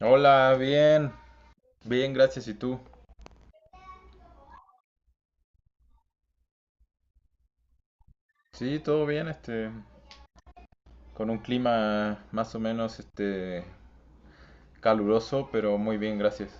Hola, bien, bien, gracias. ¿Y tú? Sí, todo bien, con un clima más o menos, caluroso, pero muy bien, gracias.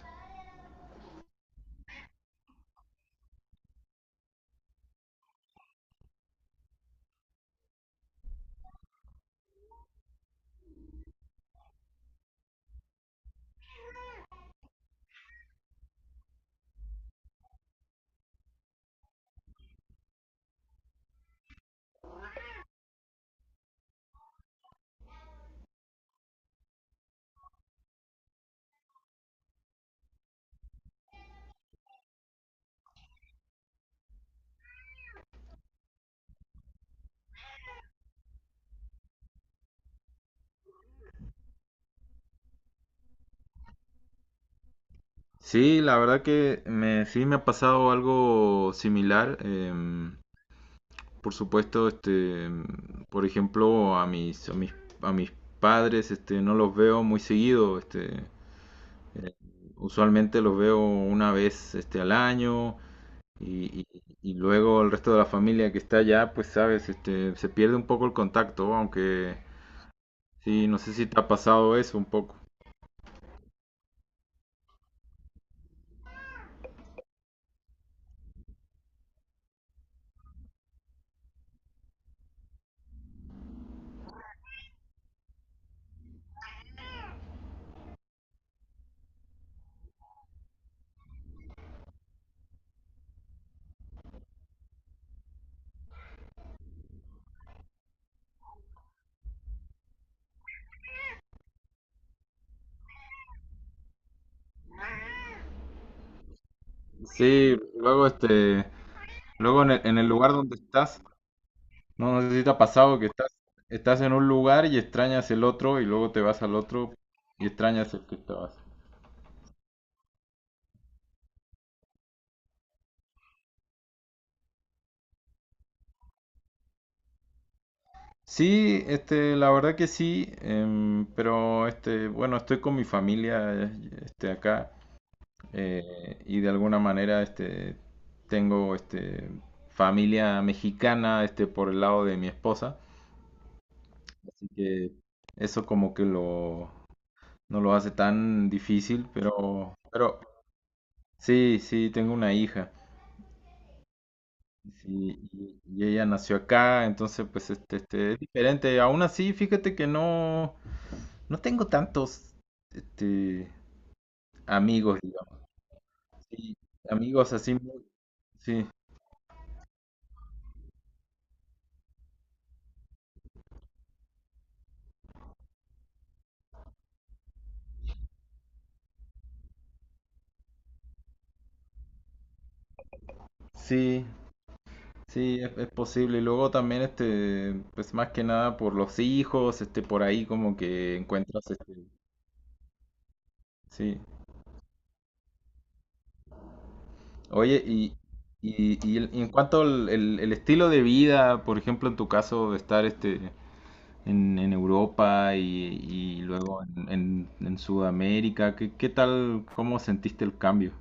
Sí, la verdad que me, sí me ha pasado algo similar. Por supuesto, por ejemplo, a mis padres, no los veo muy seguido, usualmente los veo una vez, al año. Y, y- y luego el resto de la familia que está allá, pues sabes, se pierde un poco el contacto, aunque sí, no sé si te ha pasado eso un poco. Sí, luego luego en el lugar donde estás, no, no sé si te ha pasado que estás, estás en un lugar y extrañas el otro y luego te vas al otro y extrañas el que estabas. Sí, la verdad que sí, pero bueno, estoy con mi familia, acá. Y de alguna manera tengo familia mexicana por el lado de mi esposa, así que eso como que lo, no lo hace tan difícil, pero sí, sí, tengo una hija. Sí, y ella nació acá, entonces pues es diferente. Aún así, fíjate que no, no tengo tantos este, amigos, digamos. Sí, amigos así, sí, sí. Sí, es posible. Y luego también, pues más que nada por los hijos, por ahí como que encuentras, sí. Oye, y en cuanto al el estilo de vida, por ejemplo, en tu caso, de estar, en Europa y luego en Sudamérica, ¿qué, qué tal, cómo sentiste el cambio?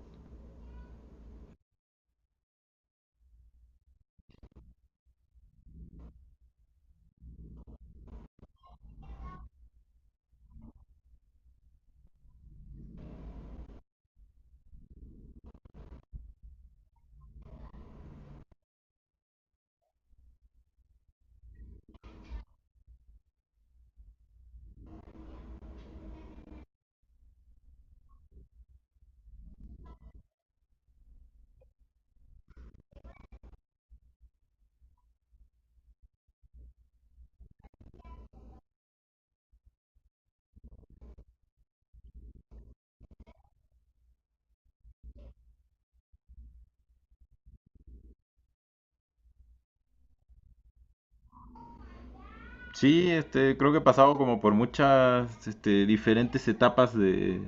Sí, creo que he pasado como por muchas, diferentes etapas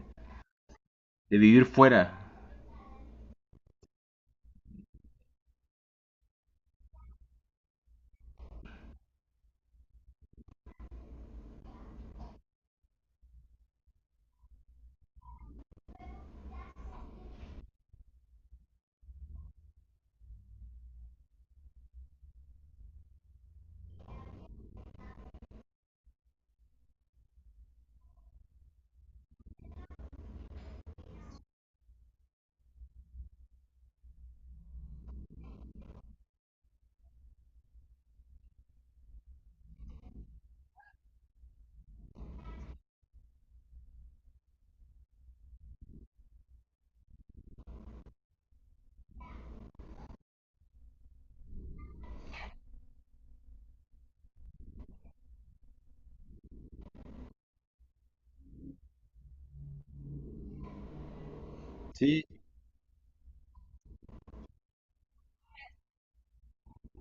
de vivir fuera. Sí.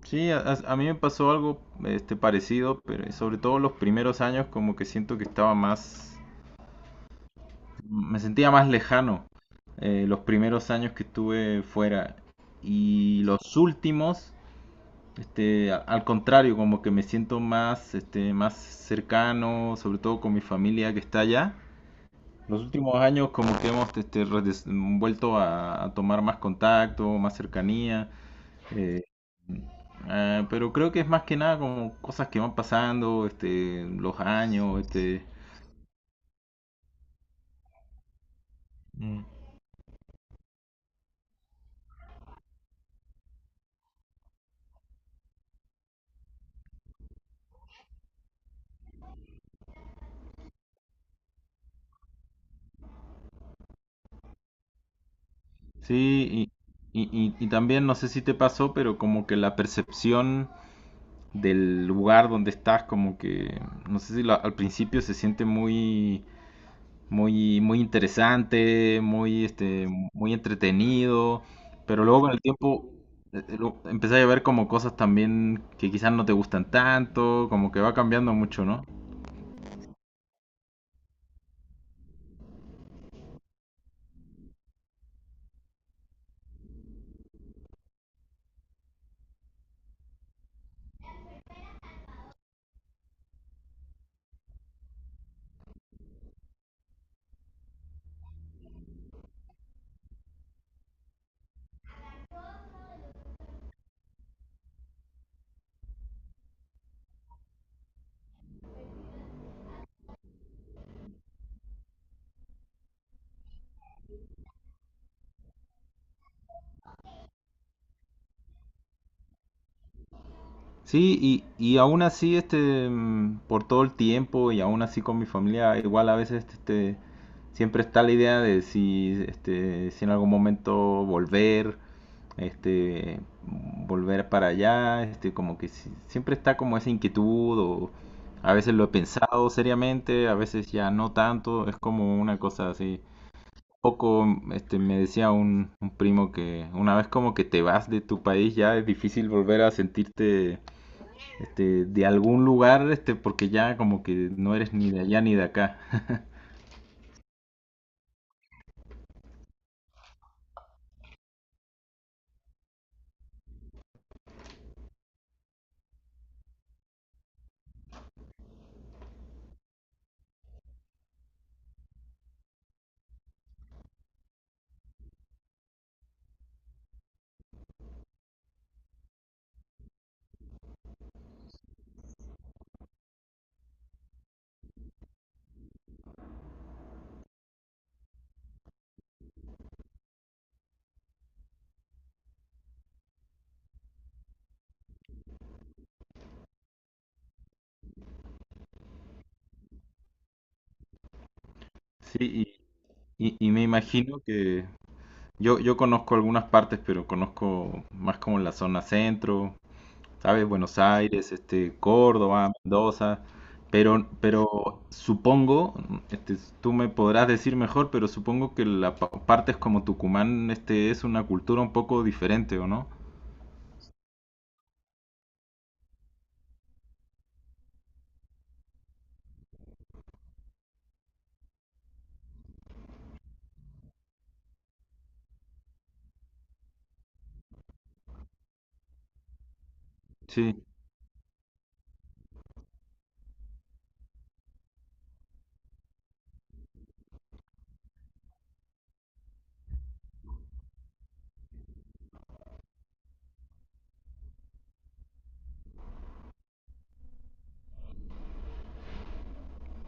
Sí, a mí me pasó algo parecido, pero sobre todo los primeros años como que siento que estaba más, me sentía más lejano los primeros años que estuve fuera y los últimos, al contrario, como que me siento más, más cercano, sobre todo con mi familia que está allá. Los últimos años como que hemos vuelto a tomar más contacto, más cercanía. Eh, pero creo que es más que nada como cosas que van pasando, los años, este. Mm. Sí, y también no sé si te pasó, pero como que la percepción del lugar donde estás, como que, no sé si al principio se siente muy interesante, muy entretenido, pero luego con el tiempo empezás a ver como cosas también que quizás no te gustan tanto, como que va cambiando mucho, no. Sí, y aún así, por todo el tiempo y aún así con mi familia, igual a veces, siempre está la idea de si, si en algún momento volver, este, volver para allá, como que siempre está como esa inquietud o a veces lo he pensado seriamente, a veces ya no tanto, es como una cosa así. Poco, me decía un primo que una vez como que te vas de tu país ya es difícil volver a sentirte de algún lugar, porque ya como que no eres ni de allá ni de acá. Sí, y me imagino que yo conozco algunas partes, pero conozco más como la zona centro, ¿sabes? Buenos Aires, Córdoba, Mendoza, pero supongo, tú me podrás decir mejor, pero supongo que la partes como Tucumán, es una cultura un poco diferente, ¿o no? Sí,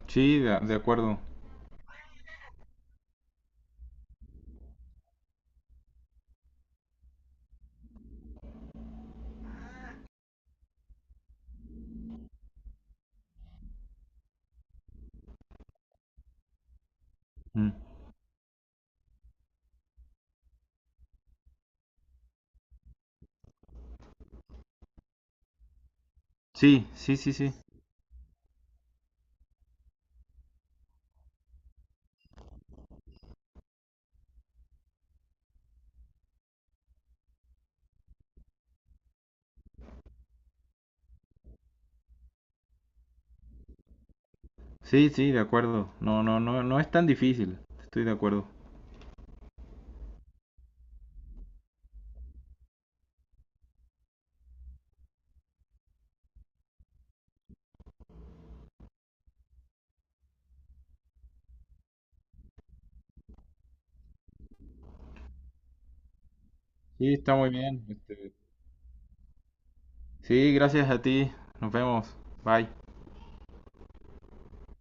sí, de acuerdo. Mm. Sí, sí, sí, sí. Sí, sí, de acuerdo. No, no, no, no es tan difícil. Estoy de acuerdo. Sí, está muy bien, sí, gracias a ti. Nos vemos. Bye.